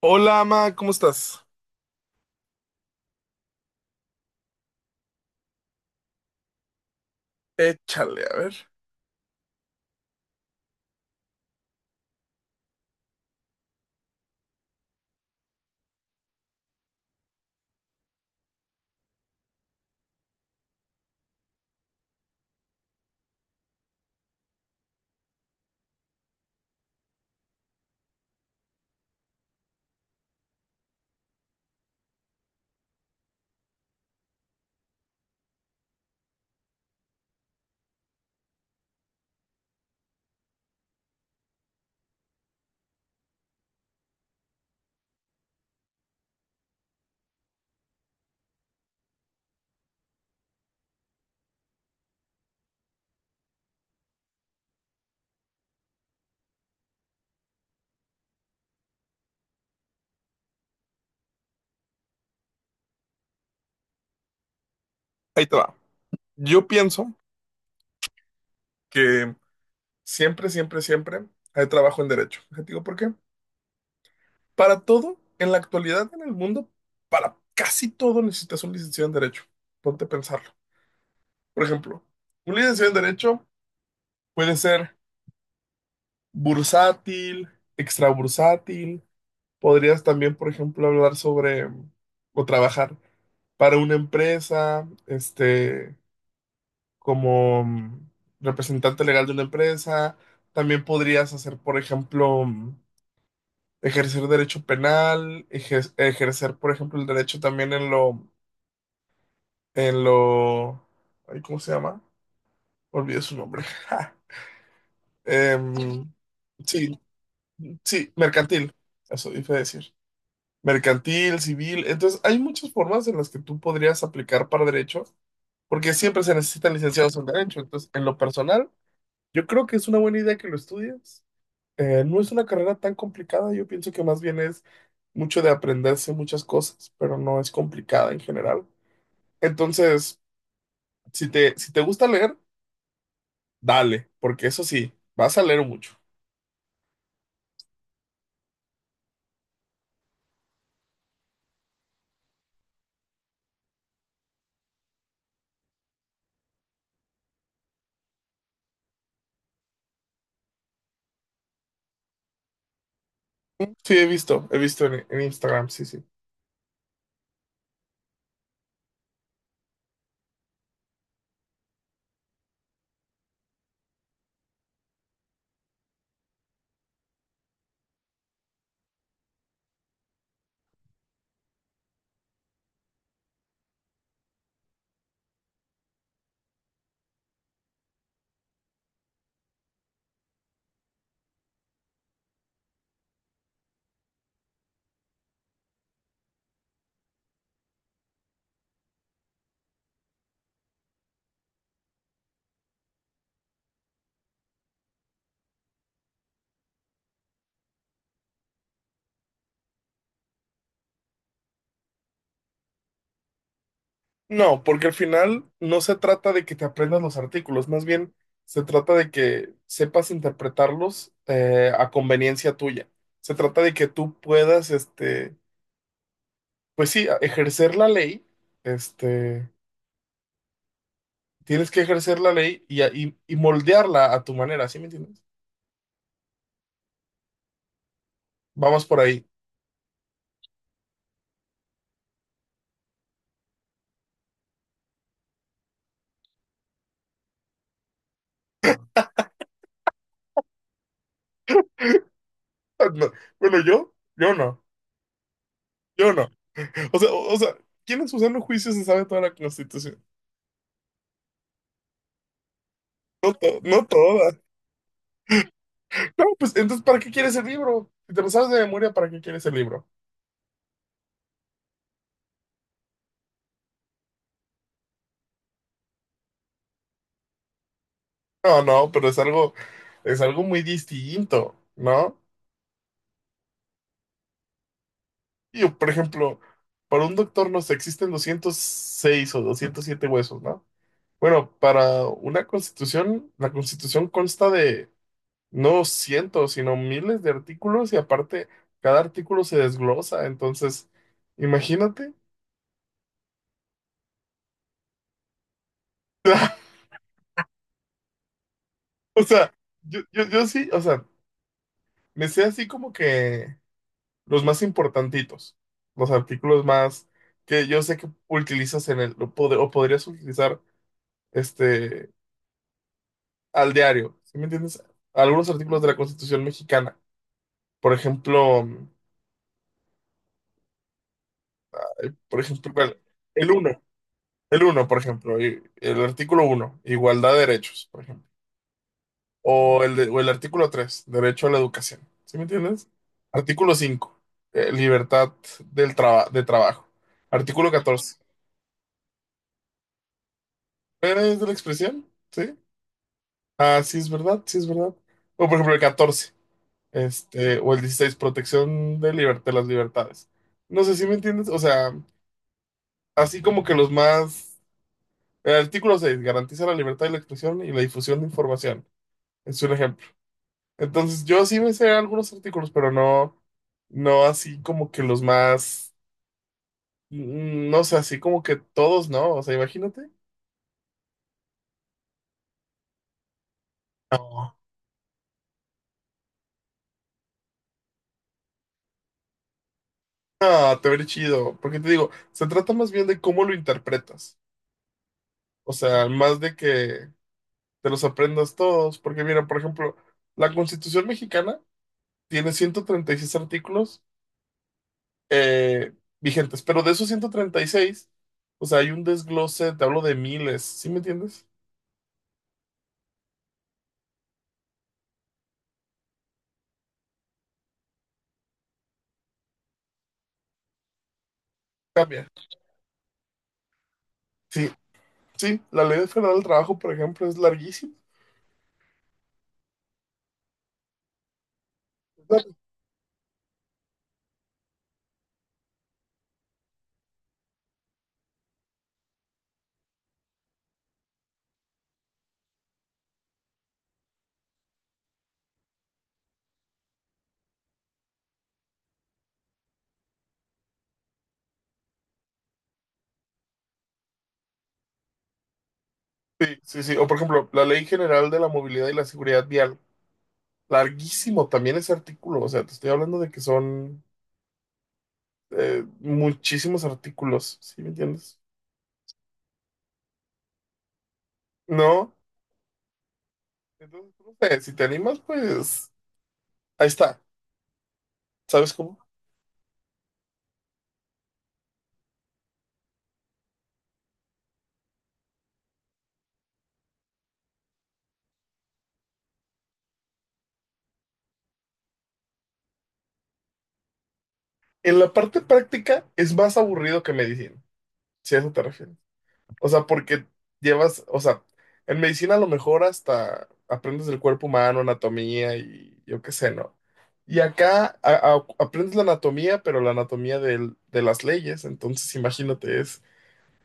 Hola, Ama, ¿cómo estás? Échale, a ver. Ahí te va. Yo pienso que siempre hay trabajo en derecho. Te digo por qué. Para todo, en la actualidad, en el mundo, para casi todo necesitas un licenciado en derecho. Ponte a pensarlo. Por ejemplo, un licenciado en derecho puede ser bursátil, extrabursátil. Podrías también, por ejemplo, hablar sobre o trabajar para una empresa, como representante legal de una empresa. También podrías hacer, por ejemplo, ejercer derecho penal, ejercer, por ejemplo, el derecho también en lo, ay, ¿cómo se llama? Olvidé su nombre. Ja. Em, sí, sí, mercantil, eso iba a decir. Mercantil, civil. Entonces, hay muchas formas en las que tú podrías aplicar para derecho, porque siempre se necesitan licenciados en derecho. Entonces, en lo personal, yo creo que es una buena idea que lo estudies. No es una carrera tan complicada, yo pienso que más bien es mucho de aprenderse muchas cosas, pero no es complicada en general. Entonces, si te gusta leer, dale, porque eso sí, vas a leer mucho. Sí, he visto, he visto en Instagram, sí, sí. No, porque al final no se trata de que te aprendas los artículos, más bien se trata de que sepas interpretarlos, a conveniencia tuya. Se trata de que tú puedas, pues sí, ejercer la ley, este Tienes que ejercer la ley y, y moldearla a tu manera, ¿sí me entiendes? Vamos por ahí. No. Bueno, yo no, yo no. O sea, ¿quién en su sano juicio se sabe toda la Constitución? No, no toda. No, pues entonces, ¿para qué quieres el libro? Si te lo sabes de memoria, ¿para qué quieres el libro? No, no, pero es algo muy distinto, ¿no? Yo, por ejemplo, para un doctor, no sé, existen 206 o 207 huesos, ¿no? Bueno, para una constitución, la constitución consta de no cientos, sino miles de artículos y aparte cada artículo se desglosa, entonces, imagínate. O sea, yo sí, o sea, me sé así como que los más importantitos, los artículos más que yo sé que utilizas en el, o, o podrías utilizar, este, al diario, ¿sí me entiendes? Algunos artículos de la Constitución mexicana, por ejemplo, por ejemplo, ¿cuál? el uno el uno por ejemplo, el artículo uno, igualdad de derechos, por ejemplo. O el, o el artículo tres, derecho a la educación. ¿Sí me entiendes? Artículo cinco, libertad de trabajo. Artículo catorce. ¿Es de la expresión? ¿Sí? Ah, sí es verdad, sí es verdad. O por ejemplo el catorce, este, o el dieciséis, protección de, de las libertades. No sé si me entiendes, o sea, así como que los más... El artículo 6 garantiza la libertad de la expresión y la difusión de información. Es un ejemplo. Entonces, yo sí me sé algunos artículos, pero no, no así como que los más, mm, no sé, así como que todos, ¿no? O sea, imagínate. No. Ah, te veré chido, porque te digo, se trata más bien de cómo lo interpretas, o sea, más de que te los aprendas todos, porque mira, por ejemplo, la Constitución mexicana tiene 136 artículos, eh, vigentes, pero de esos 136, o sea, hay un desglose, te hablo de miles, ¿sí me entiendes? Cambia. Sí, sí, la ley federal del trabajo, por ejemplo, es larguísima. Sí, sí, sí. O por ejemplo, la ley general de la movilidad y la seguridad vial. Larguísimo también ese artículo. O sea, te estoy hablando de que son, muchísimos artículos. ¿Sí me entiendes? No. Entonces, no sé, si te animas, pues ahí está. ¿Sabes cómo? En la parte práctica es más aburrido que medicina, si a eso te refieres. O sea, porque llevas, o sea, en medicina a lo mejor hasta aprendes del cuerpo humano, anatomía y yo qué sé, ¿no? Y acá aprendes la anatomía, pero la anatomía de las leyes. Entonces, imagínate, es,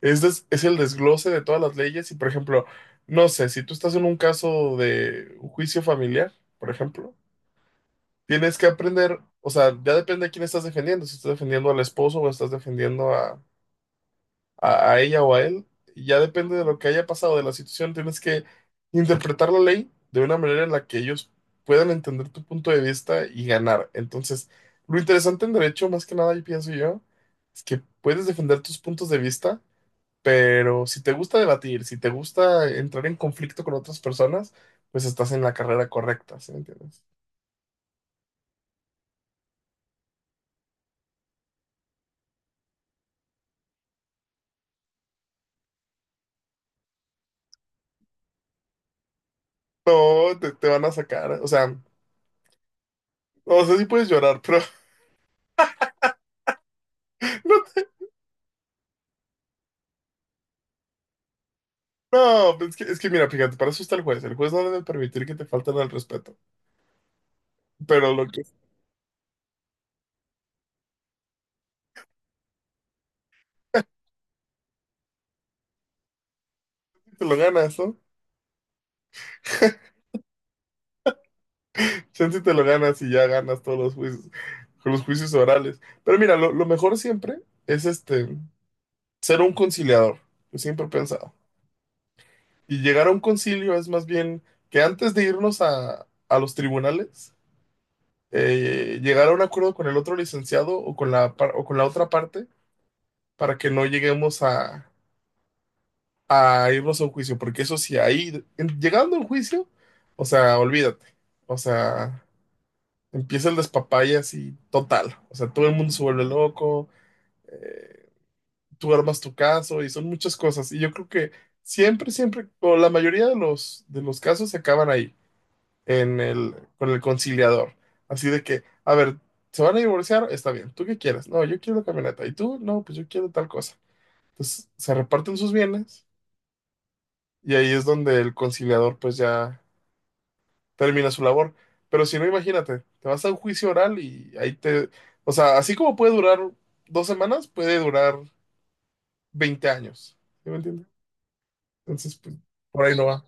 es, des- es el desglose de todas las leyes. Y, por ejemplo, no sé, si tú estás en un caso de un juicio familiar, por ejemplo, tienes que aprender, o sea, ya depende de quién estás defendiendo, si estás defendiendo al esposo o estás defendiendo a, a ella o a él. Ya depende de lo que haya pasado, de la situación, tienes que interpretar la ley de una manera en la que ellos puedan entender tu punto de vista y ganar. Entonces, lo interesante en derecho, más que nada, yo pienso yo, es que puedes defender tus puntos de vista, pero si te gusta debatir, si te gusta entrar en conflicto con otras personas, pues estás en la carrera correcta, ¿sí me entiendes? No, te van a sacar, o sea, no sé si puedes llorar, pero No, es que mira, fíjate, para eso está el juez. El juez no debe permitir que te falten al respeto. Pero lo que sí, te lo ganas, ¿no? Chance te lo ganas y ya ganas todos los juicios orales. Pero mira, lo mejor siempre es, este, ser un conciliador. Yo siempre he pensado. Y llegar a un concilio es más bien que antes de irnos a los tribunales, llegar a un acuerdo con el otro licenciado o con la, o con la otra parte para que no lleguemos a irnos a un juicio, porque eso sí, ahí, llegando a un juicio, o sea, olvídate, o sea, empieza el despapalle así total, o sea, todo el mundo se vuelve loco, eh, tú armas tu caso y son muchas cosas, y yo creo que siempre, siempre, o la mayoría de los casos se acaban ahí, en el, con el conciliador, así de que, a ver, se van a divorciar, está bien, ¿tú qué quieres? No, yo quiero la camioneta, ¿y tú? No, pues yo quiero tal cosa. Entonces, se reparten sus bienes. Y ahí es donde el conciliador pues ya termina su labor. Pero si no, imagínate, te vas a un juicio oral y ahí te... O sea, así como puede durar 2 semanas, puede durar 20 años. ¿Sí me entiendes? Entonces, pues, por ahí no va.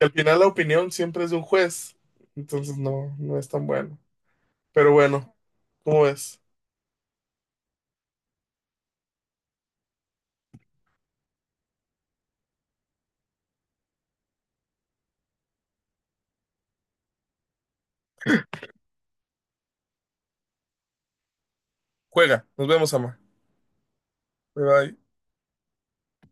Al final la opinión siempre es de un juez, entonces no, no es tan bueno. Pero bueno, ¿cómo ves? Juega, nos vemos, ama. Bye bye.